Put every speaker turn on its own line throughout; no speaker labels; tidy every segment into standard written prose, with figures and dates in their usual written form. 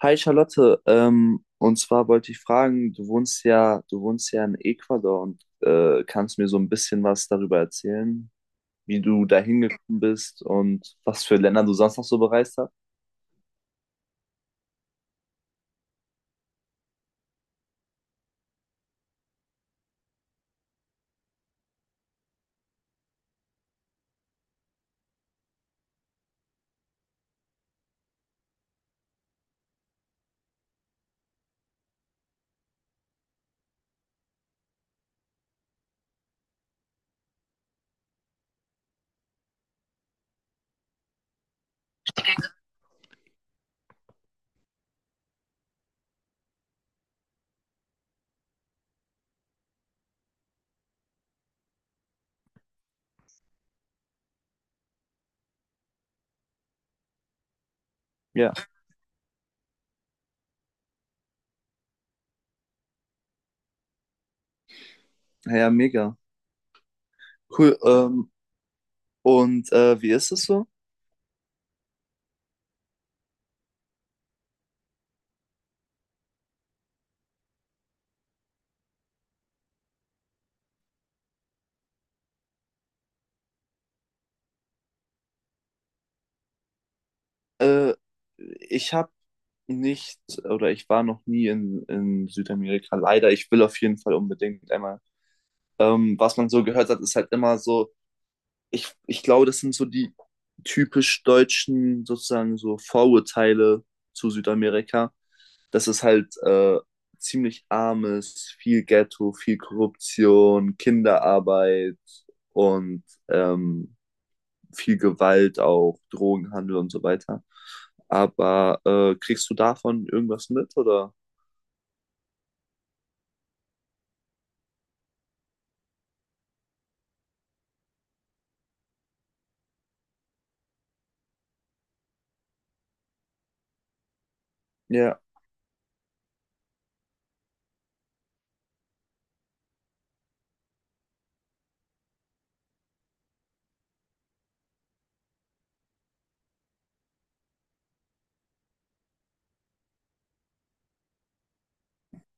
Hi Charlotte, und zwar wollte ich fragen, du wohnst ja in Ecuador und kannst mir so ein bisschen was darüber erzählen, wie du da hingekommen bist und was für Länder du sonst noch so bereist hast? Ja, ja, mega. Cool. Und wie ist es so? Äh, ich habe nicht, oder ich war noch nie in Südamerika, leider. Ich will auf jeden Fall unbedingt einmal. Was man so gehört hat, ist halt immer so, ich glaube, das sind so die typisch deutschen sozusagen so Vorurteile zu Südamerika, dass es halt ziemlich arm ist, viel Ghetto, viel Korruption, Kinderarbeit und viel Gewalt auch, Drogenhandel und so weiter. Aber kriegst du davon irgendwas mit oder? Ja,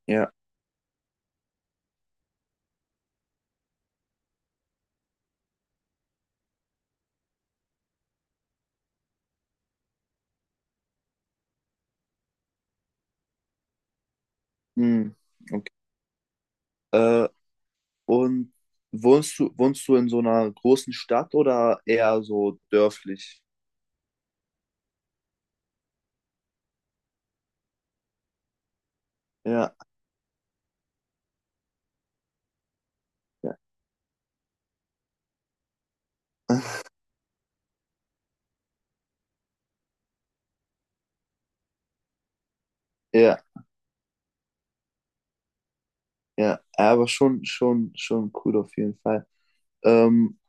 ja. Hm, okay. Äh, Und wohnst du in so einer großen Stadt oder eher so dörflich? Ja, ja, ja, ja. Aber schon, schon, schon cool auf jeden Fall. Ähm,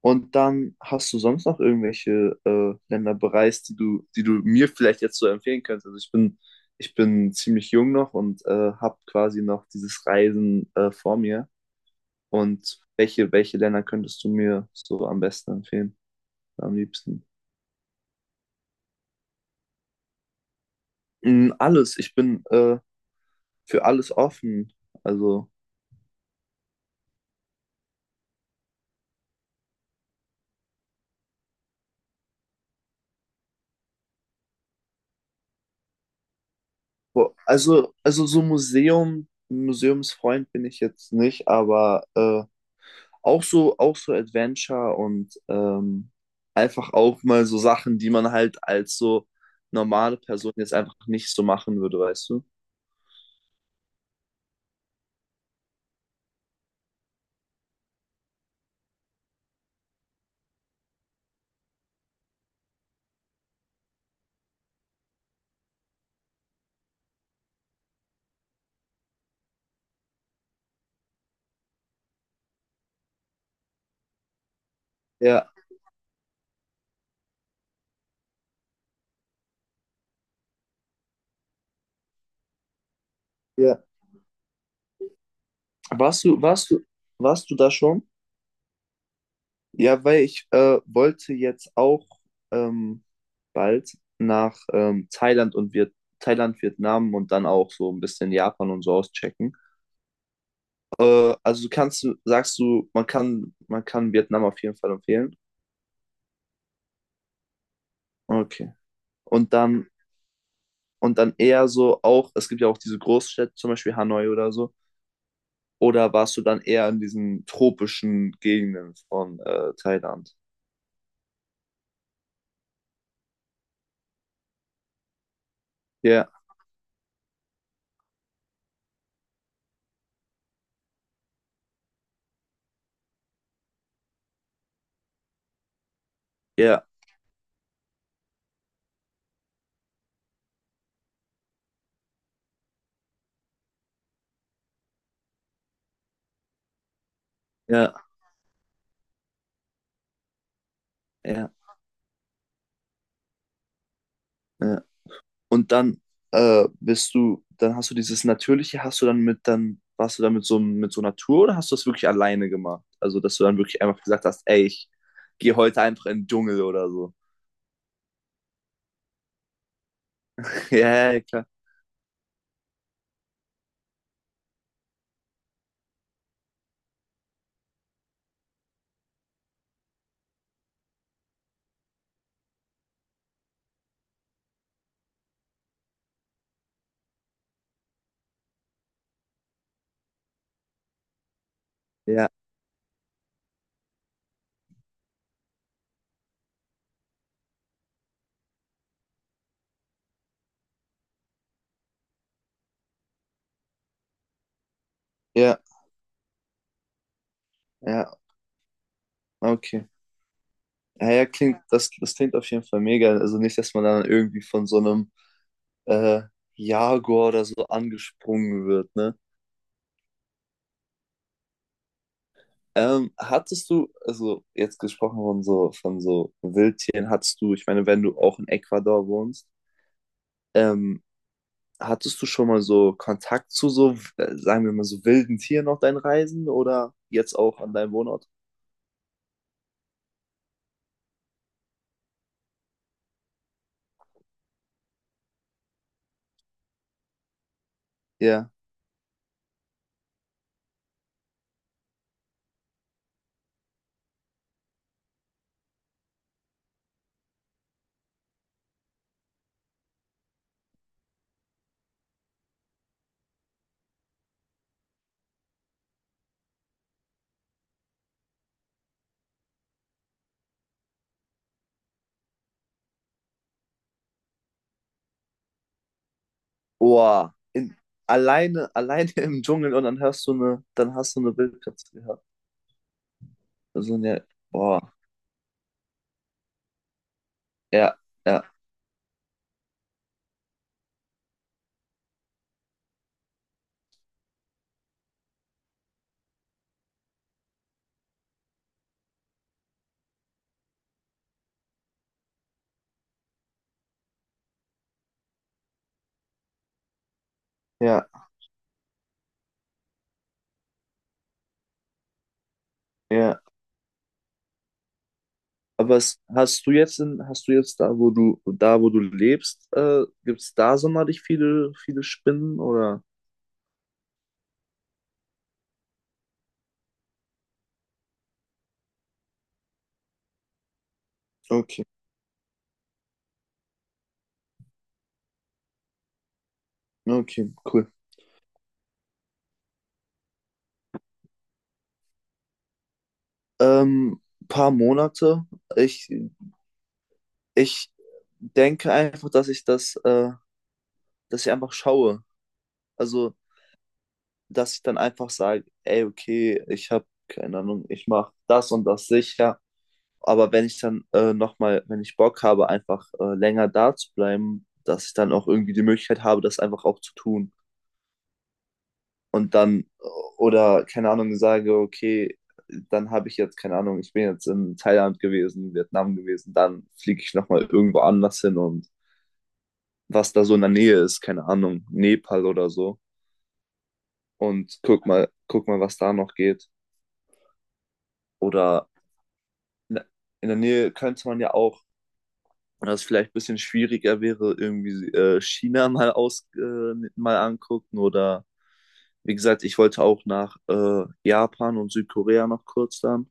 und dann hast du sonst noch irgendwelche Länder bereist, die du mir vielleicht jetzt so empfehlen könntest? Also ich bin ziemlich jung noch und habe quasi noch dieses Reisen vor mir. Und welche Länder könntest du mir so am besten empfehlen, am liebsten? Alles. Ich bin für alles offen. Also, also so Museum, Museumsfreund bin ich jetzt nicht, aber auch so Adventure und einfach auch mal so Sachen, die man halt als so normale Person jetzt einfach nicht so machen würde, weißt du? Ja, ja. Warst du, warst du, warst du da schon? Ja, weil ich wollte jetzt auch ähm, bald nach Thailand, Vietnam und dann auch so ein bisschen Japan und so auschecken. Also sagst du, man kann Vietnam auf jeden Fall empfehlen? Okay. Und dann, und dann eher so auch, es gibt ja auch diese Großstädte, zum Beispiel Hanoi oder so. Oder warst du dann eher in diesen tropischen Gegenden von Thailand? Ja, ja, ja, ja, ja. Und dann dann hast du dieses Natürliche, hast du dann mit, dann warst du dann mit so einer Tour oder hast du das wirklich alleine gemacht? Also, dass du dann wirklich einfach gesagt hast, ey, ich gehe heute einfach in den Dschungel oder so. Ja, ja, klar. Ja, ja, ja, okay. Ja, ja, das klingt auf jeden Fall mega. Also nicht, dass man dann irgendwie von so einem äh, Jaguar oder so angesprungen wird, ne? Hattest du, also jetzt gesprochen von so, Wildtieren, hattest du, ich meine, wenn du auch in Ecuador wohnst, Ähm, hattest du schon mal so Kontakt zu so, sagen wir mal, so wilden Tieren auf deinen Reisen oder jetzt auch an deinem Wohnort? Ja. Boah, alleine, alleine im Dschungel und dann dann hast du eine Wildkatze gehört. Also eine, boah, ja, ja, ja, ja. Aber hast du jetzt da, wo du lebst, gibt es da sonderlich viele, viele Spinnen oder? Okay, okay, cool. Ähm, paar Monate. Ich Ich denke einfach, dass ich einfach schaue. Also, dass ich dann einfach sage, ey, okay, ich habe keine Ahnung, ich mache das und das sicher. Aber wenn ich dann nochmal, wenn ich Bock habe, einfach länger da zu bleiben, dass ich dann auch irgendwie die Möglichkeit habe, das einfach auch zu tun. Und dann, oder keine Ahnung, sage, okay, dann habe ich jetzt, keine Ahnung, ich bin jetzt in Thailand gewesen, Vietnam gewesen, dann fliege ich nochmal irgendwo anders hin und was da so in der Nähe ist, keine Ahnung, Nepal oder so. Und guck mal, was da noch geht. Oder in der- in der Nähe könnte man ja auch, was vielleicht ein bisschen schwieriger wäre, irgendwie China mal angucken. Oder wie gesagt, ich wollte auch nach Japan und Südkorea noch kurz dann.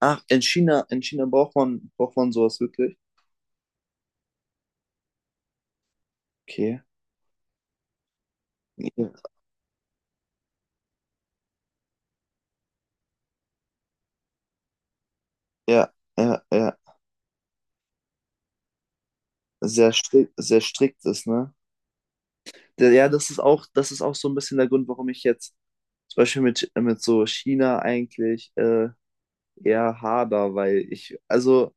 Ach, in China braucht man sowas wirklich? Okay. Ja, ja, ja, ja. Sehr strikt ist, ne? Ja, das ist auch so ein bisschen der Grund, warum ich jetzt zum Beispiel mit so China eigentlich eher hader, weil ich, also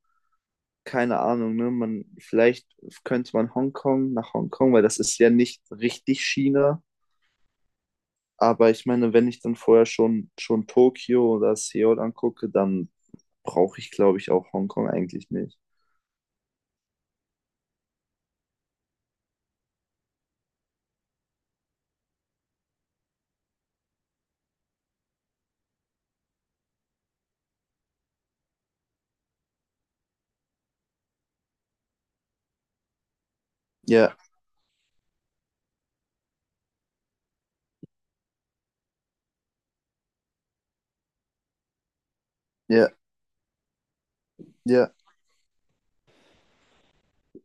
keine Ahnung, ne, man, vielleicht könnte man Hongkong nach Hongkong, weil das ist ja nicht richtig China, aber ich meine, wenn ich dann vorher schon Tokio oder Seoul angucke, dann brauche ich, glaube ich, auch Hongkong eigentlich nicht. Ja, ja, ja,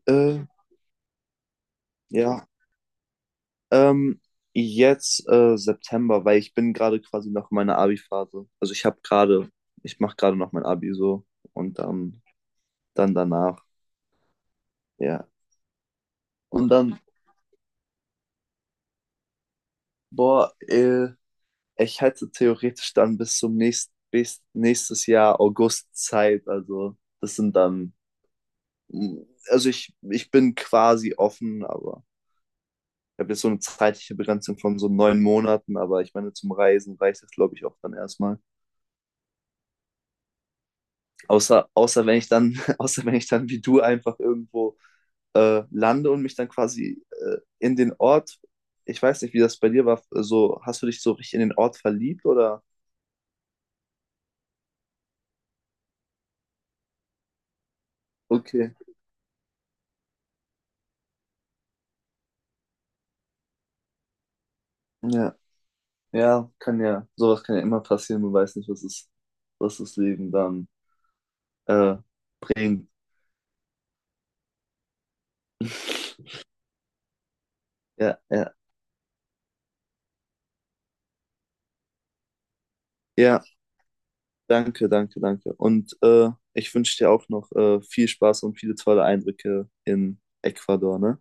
äh, ja. Ähm, jetzt September, weil ich bin gerade quasi noch in meiner Abi-Phase. Also ich mache gerade noch mein Abi so und dann danach, ja. Und dann, boah, ich hätte theoretisch dann bis nächstes Jahr August Zeit. Also das sind dann, mm, also ich bin quasi offen, aber ich habe jetzt so eine zeitliche Begrenzung von so 9 Monaten, aber ich meine, zum Reisen reicht das, glaube ich, auch dann erstmal. Außer wenn ich dann, außer wenn ich dann wie du einfach irgendwo lande und mich dann quasi in den Ort, ich weiß nicht, wie das bei dir war, so, hast du dich so richtig in den Ort verliebt oder? Okay, ja, ja, kann ja, sowas kann ja immer passieren, man weiß nicht, was das Leben dann äh, bringt. Ja, ja, ja, danke, danke, danke. Und ich wünsche dir auch noch viel Spaß und viele tolle Eindrücke in Ecuador, ne?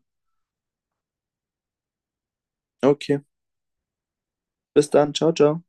Okay, bis dann, ciao, ciao.